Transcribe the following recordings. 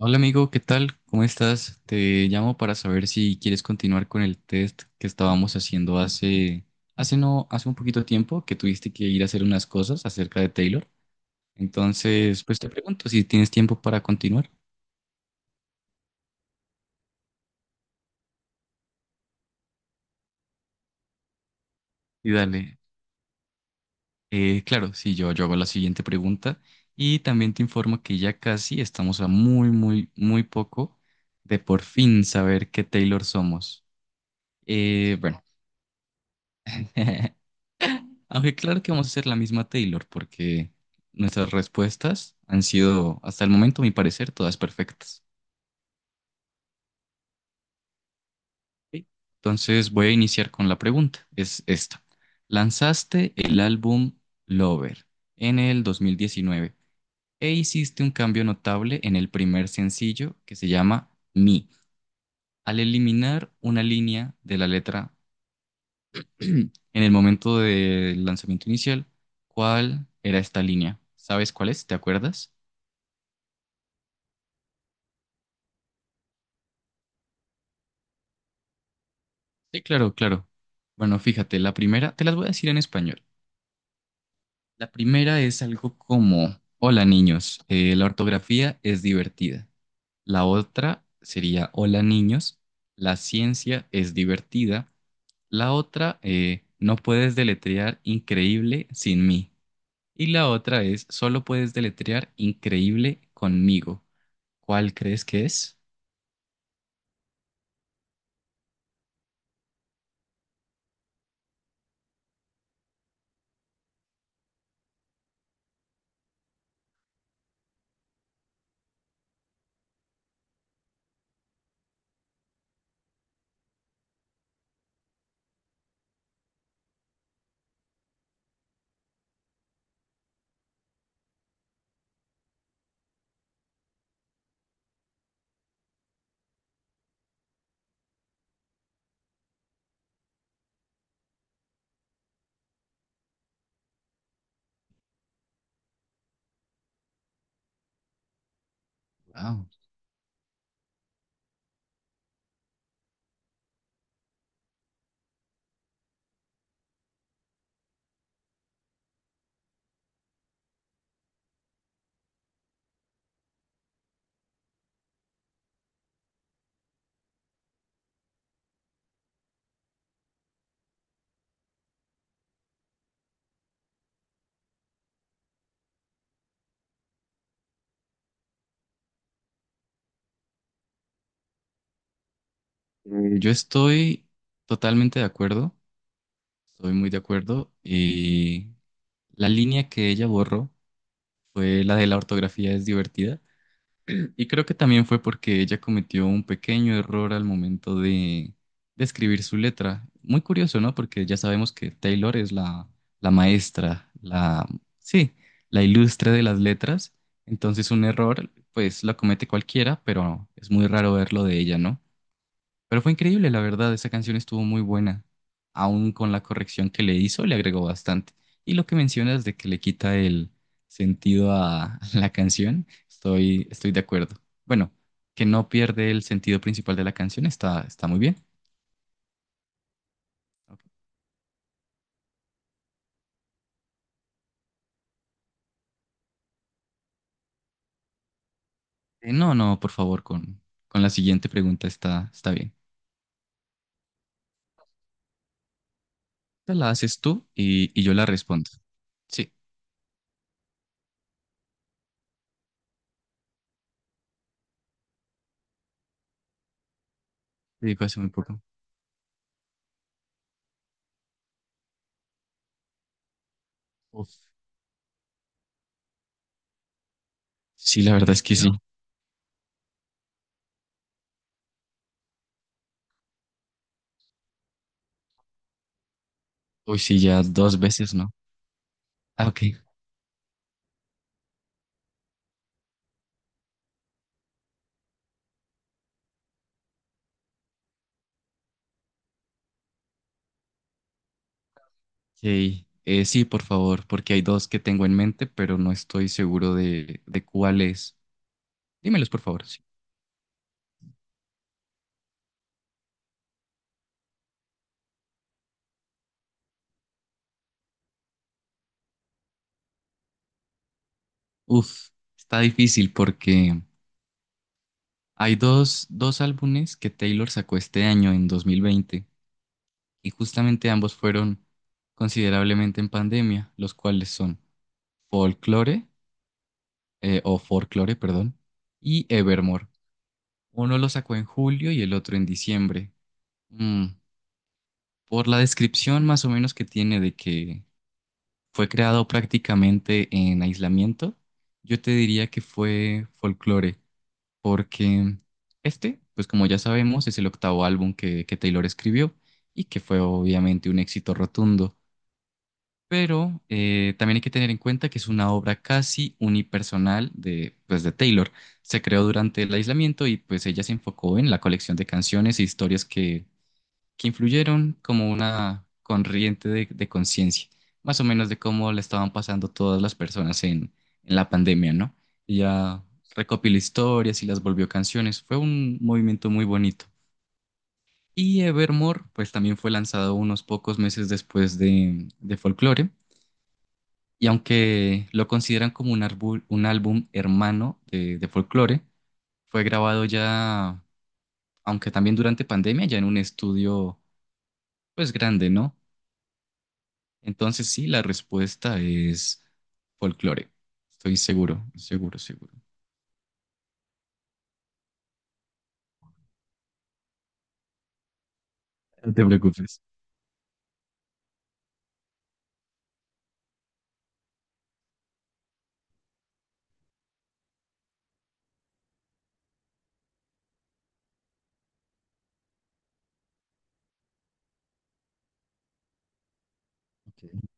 Hola amigo, ¿qué tal? ¿Cómo estás? Te llamo para saber si quieres continuar con el test que estábamos haciendo hace no, hace un poquito tiempo que tuviste que ir a hacer unas cosas acerca de Taylor. Entonces, pues te pregunto si tienes tiempo para continuar. Y dale. Claro, sí, yo hago la siguiente pregunta y también te informo que ya casi estamos a muy, muy, muy poco de por fin saber qué Taylor somos. Bueno. Aunque claro que vamos a hacer la misma Taylor, porque nuestras respuestas han sido, hasta el momento, a mi parecer, todas perfectas. ¿Ok? Entonces voy a iniciar con la pregunta. Es esta. Lanzaste el álbum Lover en el 2019 e hiciste un cambio notable en el primer sencillo que se llama Me, al eliminar una línea de la letra en el momento del lanzamiento inicial. ¿Cuál era esta línea? ¿Sabes cuál es? ¿Te acuerdas? Sí, claro, claro. Bueno, fíjate, la primera, te las voy a decir en español. La primera es algo como, hola niños, la ortografía es divertida. La otra sería, hola niños, la ciencia es divertida. La otra, no puedes deletrear increíble sin mí. Y la otra es, solo puedes deletrear increíble conmigo. ¿Cuál crees que es? Wow. Yo estoy totalmente de acuerdo, estoy muy de acuerdo. Y la línea que ella borró fue la de la ortografía es divertida, y creo que también fue porque ella cometió un pequeño error al momento de escribir su letra. Muy curioso, ¿no? Porque ya sabemos que Taylor es la maestra, la, sí, la ilustre de las letras. Entonces un error, pues lo comete cualquiera, pero es muy raro verlo de ella, ¿no? Pero fue increíble, la verdad, esa canción estuvo muy buena. Aún con la corrección que le hizo, le agregó bastante. Y lo que mencionas de que le quita el sentido a la canción, estoy de acuerdo. Bueno, que no pierde el sentido principal de la canción, está muy bien. Ok. No, no, por favor, con la siguiente pregunta está bien. Esta la haces tú y yo la respondo. Sí, te digo hace muy poco. Uf. Sí, la verdad es que sí. Uy, sí, ya dos veces, ¿no? Ah, ok. Ok, sí, por favor, porque hay dos que tengo en mente, pero no estoy seguro de cuál es. Dímelos, por favor. Sí. Uf, está difícil porque hay dos álbumes que Taylor sacó este año, en dos mil veinte, y justamente ambos fueron considerablemente en pandemia, los cuales son Folklore, o Folklore, perdón, y Evermore. Uno lo sacó en julio y el otro en diciembre. Mm, por la descripción más o menos que tiene de que fue creado prácticamente en aislamiento, yo te diría que fue folclore, porque este, pues como ya sabemos, es el octavo álbum que Taylor escribió y que fue obviamente un éxito rotundo. Pero también hay que tener en cuenta que es una obra casi unipersonal de, pues, de Taylor. Se creó durante el aislamiento y pues ella se enfocó en la colección de canciones e historias que influyeron como una corriente de, conciencia, más o menos de cómo le estaban pasando todas las personas en, la pandemia, ¿no? Ella recopiló historias y las volvió canciones. Fue un movimiento muy bonito. Y Evermore, pues también fue lanzado unos pocos meses después de, de, Folklore. Y aunque lo consideran como un álbum hermano de Folklore, fue grabado ya, aunque también durante pandemia, ya en un estudio pues grande, ¿no? Entonces sí, la respuesta es folclore. Estoy seguro, seguro, seguro. No te preocupes. Ok.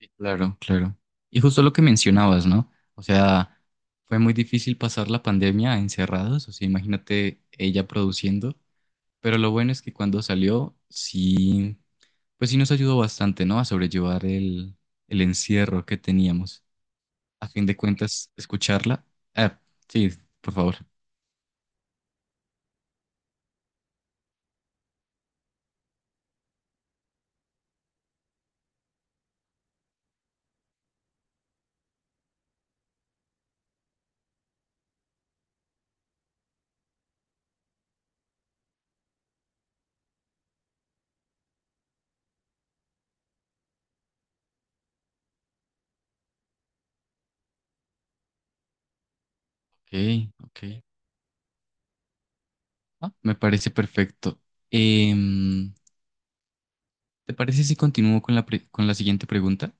Sí, claro, claro. Y justo lo que mencionabas, ¿no? O sea, fue muy difícil pasar la pandemia encerrados, o sea, imagínate ella produciendo, pero lo bueno es que cuando salió, sí, pues sí nos ayudó bastante, ¿no? A sobrellevar el, encierro que teníamos. A fin de cuentas, escucharla. Ah, sí, por favor. Ok, ok. Ah, me parece perfecto. Em, ¿Te parece si continúo con con la siguiente pregunta?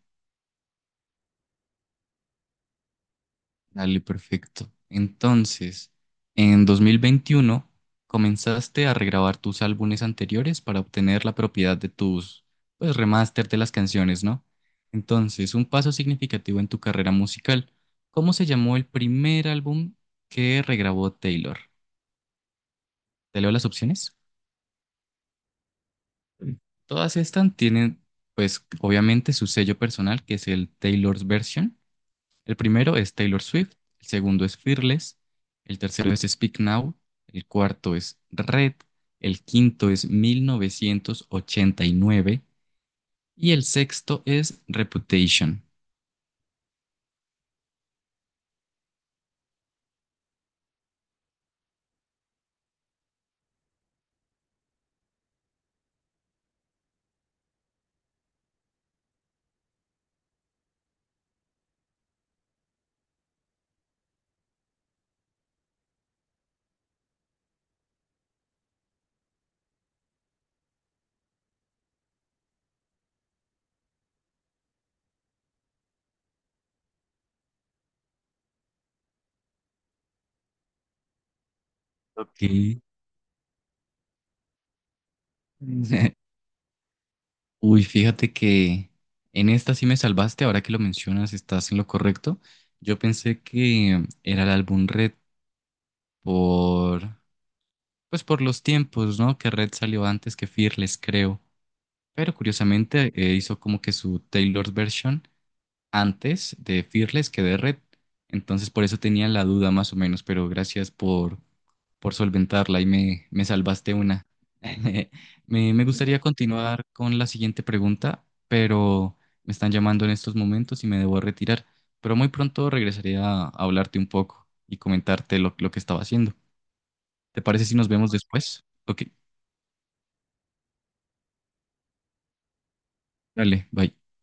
Dale, perfecto. Entonces, en 2021 comenzaste a regrabar tus álbumes anteriores para obtener la propiedad de tus, pues, remaster de las canciones, ¿no? Entonces, un paso significativo en tu carrera musical. ¿Cómo se llamó el primer álbum que regrabó Taylor? ¿Te leo las opciones? Todas estas tienen, pues, obviamente su sello personal, que es el Taylor's Version. El primero es Taylor Swift, el segundo es Fearless, el tercero es Speak Now, el cuarto es Red, el quinto es 1989 y nueve, y el sexto es Reputation. Uy, fíjate que en esta sí me salvaste, ahora que lo mencionas, estás en lo correcto. Yo pensé que era el álbum Red por. Pues por los tiempos, ¿no? Que Red salió antes que Fearless, creo. Pero curiosamente hizo como que su Taylor's version antes de Fearless que de Red. Entonces por eso tenía la duda más o menos, pero gracias por solventarla y me salvaste una. Me gustaría continuar con la siguiente pregunta, pero me están llamando en estos momentos y me debo retirar. Pero muy pronto regresaré a hablarte un poco y comentarte lo que estaba haciendo. ¿Te parece si nos vemos después? Ok. Dale, bye.